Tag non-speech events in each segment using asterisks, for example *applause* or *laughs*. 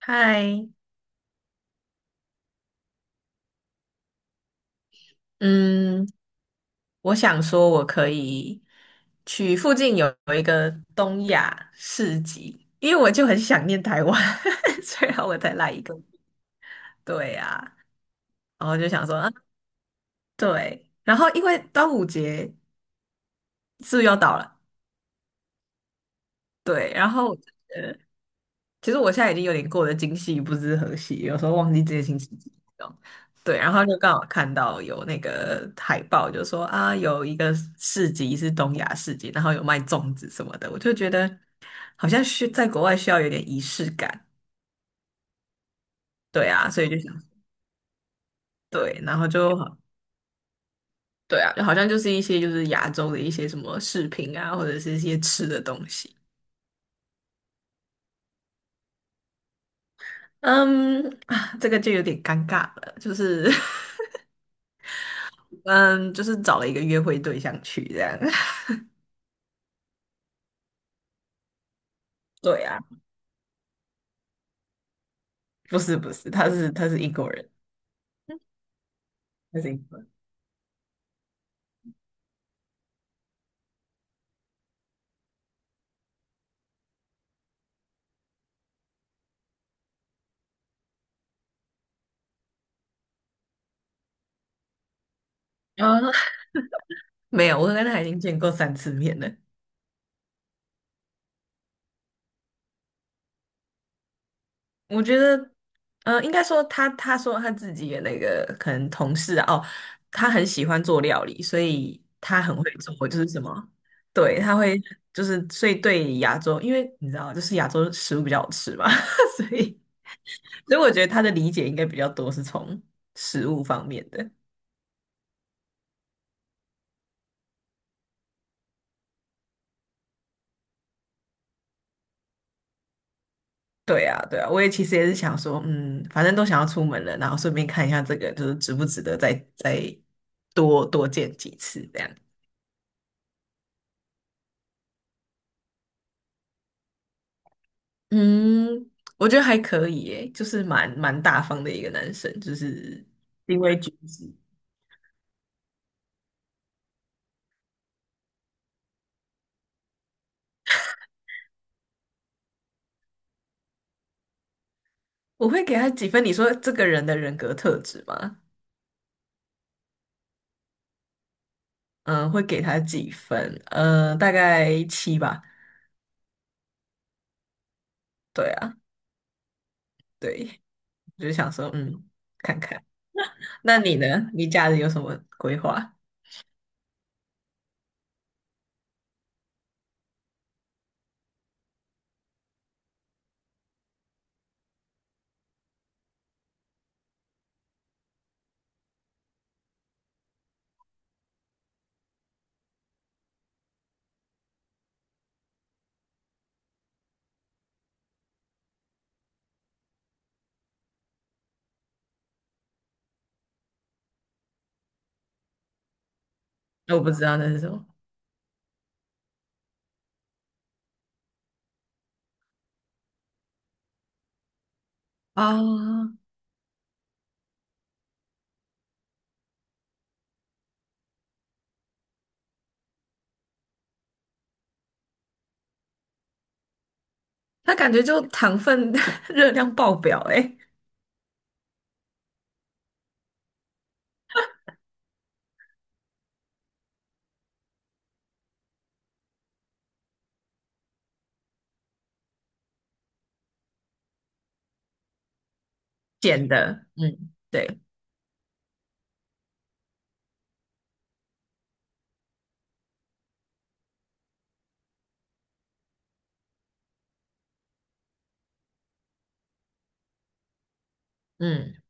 嗨，嗯，我想说，我可以去附近有一个东亚市集，因为我就很想念台湾，*laughs* 虽然我才来一个，对呀、然后就想说，啊，对，然后因为端午节是不是要到了？对，然后其实我现在已经有点过得今夕不知何夕，有时候忘记这些星期几这种对，然后就刚好看到有那个海报，就说啊，有一个市集是东亚市集，然后有卖粽子什么的，我就觉得好像需在国外需要有点仪式感，对啊，所以就想对，然后就好对啊，就好像就是一些就是亚洲的一些什么饰品啊，或者是一些吃的东西。嗯，啊，这个就有点尴尬了，就是 *laughs* 嗯，就是找了一个约会对象去这样。*laughs* 对啊。不是不是，他是英国人，他是英国人。啊、那没有，我跟他已经见过三次面了。我觉得，应该说他说他自己的那个可能同事啊哦，他很喜欢做料理，所以他很会做，就是什么，对，他会就是所以对亚洲，因为你知道，就是亚洲食物比较好吃嘛，*laughs* 所以所以我觉得他的理解应该比较多是从食物方面的。对啊，对啊，我也其实也是想说，嗯，反正都想要出门了，然后顺便看一下这个，就是值不值得再多多见几次这样。嗯，我觉得还可以耶，就是蛮大方的一个男生，就是行为举止，我会给他几分？你说这个人的人格特质吗？嗯，会给他几分？嗯，大概七吧。对啊，对，我就想说，看看。那你呢？你假日有什么规划？我不知道那是什么。啊，它感觉就糖分 *laughs* 热量爆表诶、咸的，嗯对，嗯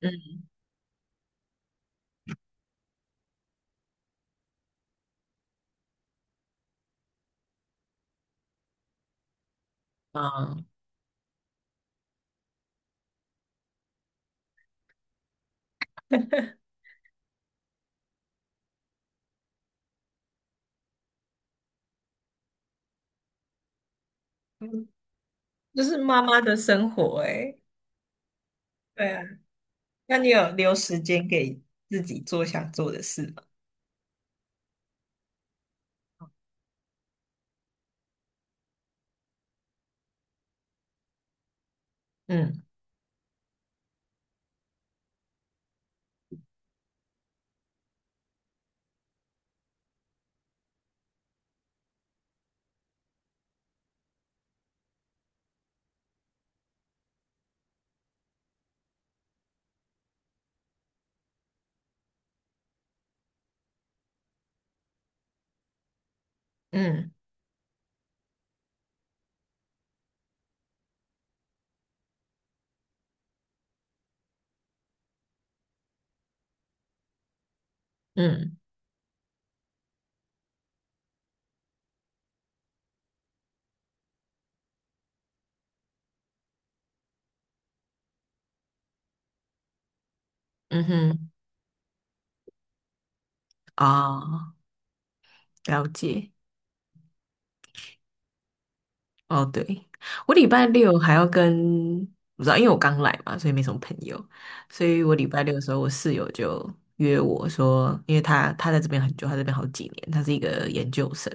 嗯啊，嗯就是妈妈的生活诶、对啊，那你有留时间给自己做想做的事吗？嗯嗯嗯嗯哼，哦，了解。哦，对，我礼拜六还要跟，不知道，因为我刚来嘛，所以没什么朋友，所以我礼拜六的时候，我室友就约我说，因为他在这边很久，他在这边好几年，他是一个研究生，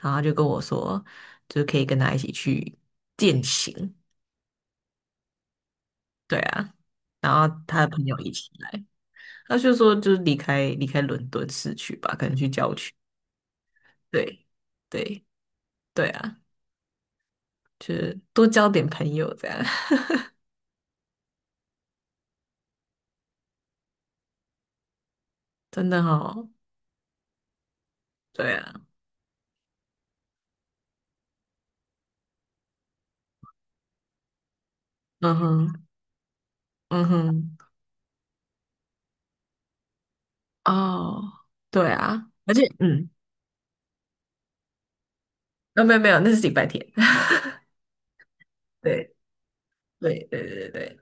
然后他就跟我说，就是可以跟他一起去践行，对啊，然后他的朋友一起来，他就说就是离开伦敦市区吧，可能去郊区，对对对啊，就是多交点朋友这样，*laughs* 真的哦，对啊。嗯哼，嗯哼，哦，对啊，而且，嗯，啊，没有没有，那是礼拜天。*laughs* 对对对对对对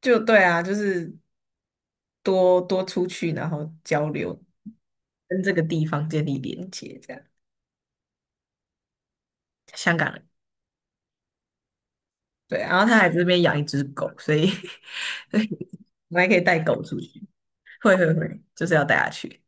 就对啊，就是多多出去，然后交流，跟这个地方建立连接，这样。香港人，对，然后他还这边养一只狗，所以 *laughs* 所以我还可以带狗出去。会会会，就是要带它去。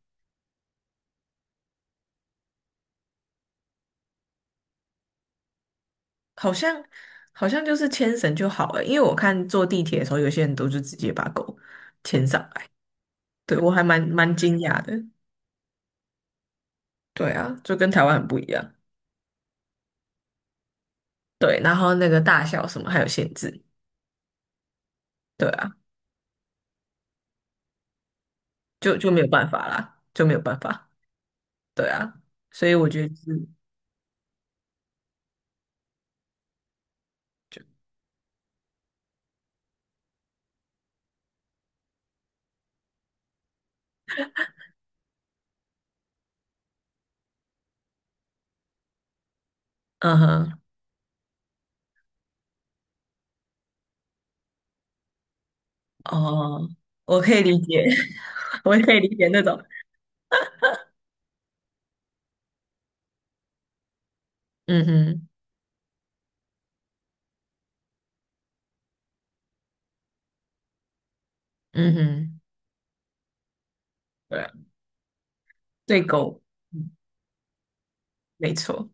好像好像就是牵绳就好了，因为我看坐地铁的时候，有些人都是直接把狗牵上来。对，我还蛮惊讶的。对啊，就跟台湾很不一样。对，然后那个大小什么还有限制。对啊，就没有办法啦，就没有办法。对啊，所以我觉得是，就嗯哼，哦，我可以理解，*laughs* 我也可以理解那种，嗯哼，嗯哼，对啊，对狗，嗯，没错，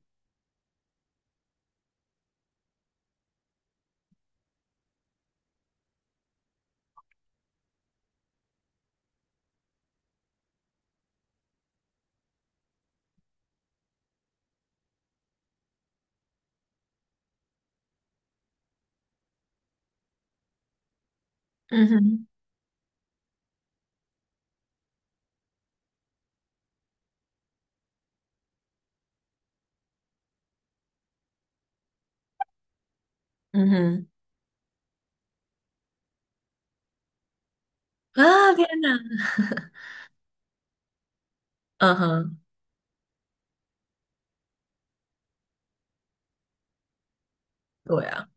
嗯哼，嗯哼，啊，天哪，*laughs* 嗯哼，对啊，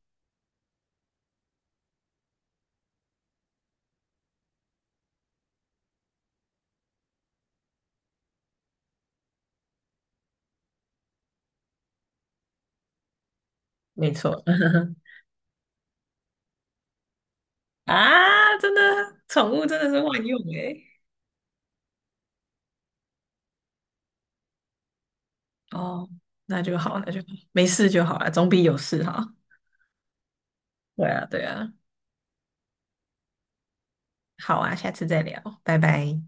没错，*laughs* 啊，真的，宠物真的是万用诶、哦，那就好，那就好，没事就好啊，总比有事好。*laughs* 对啊，对啊，好啊，下次再聊，拜拜。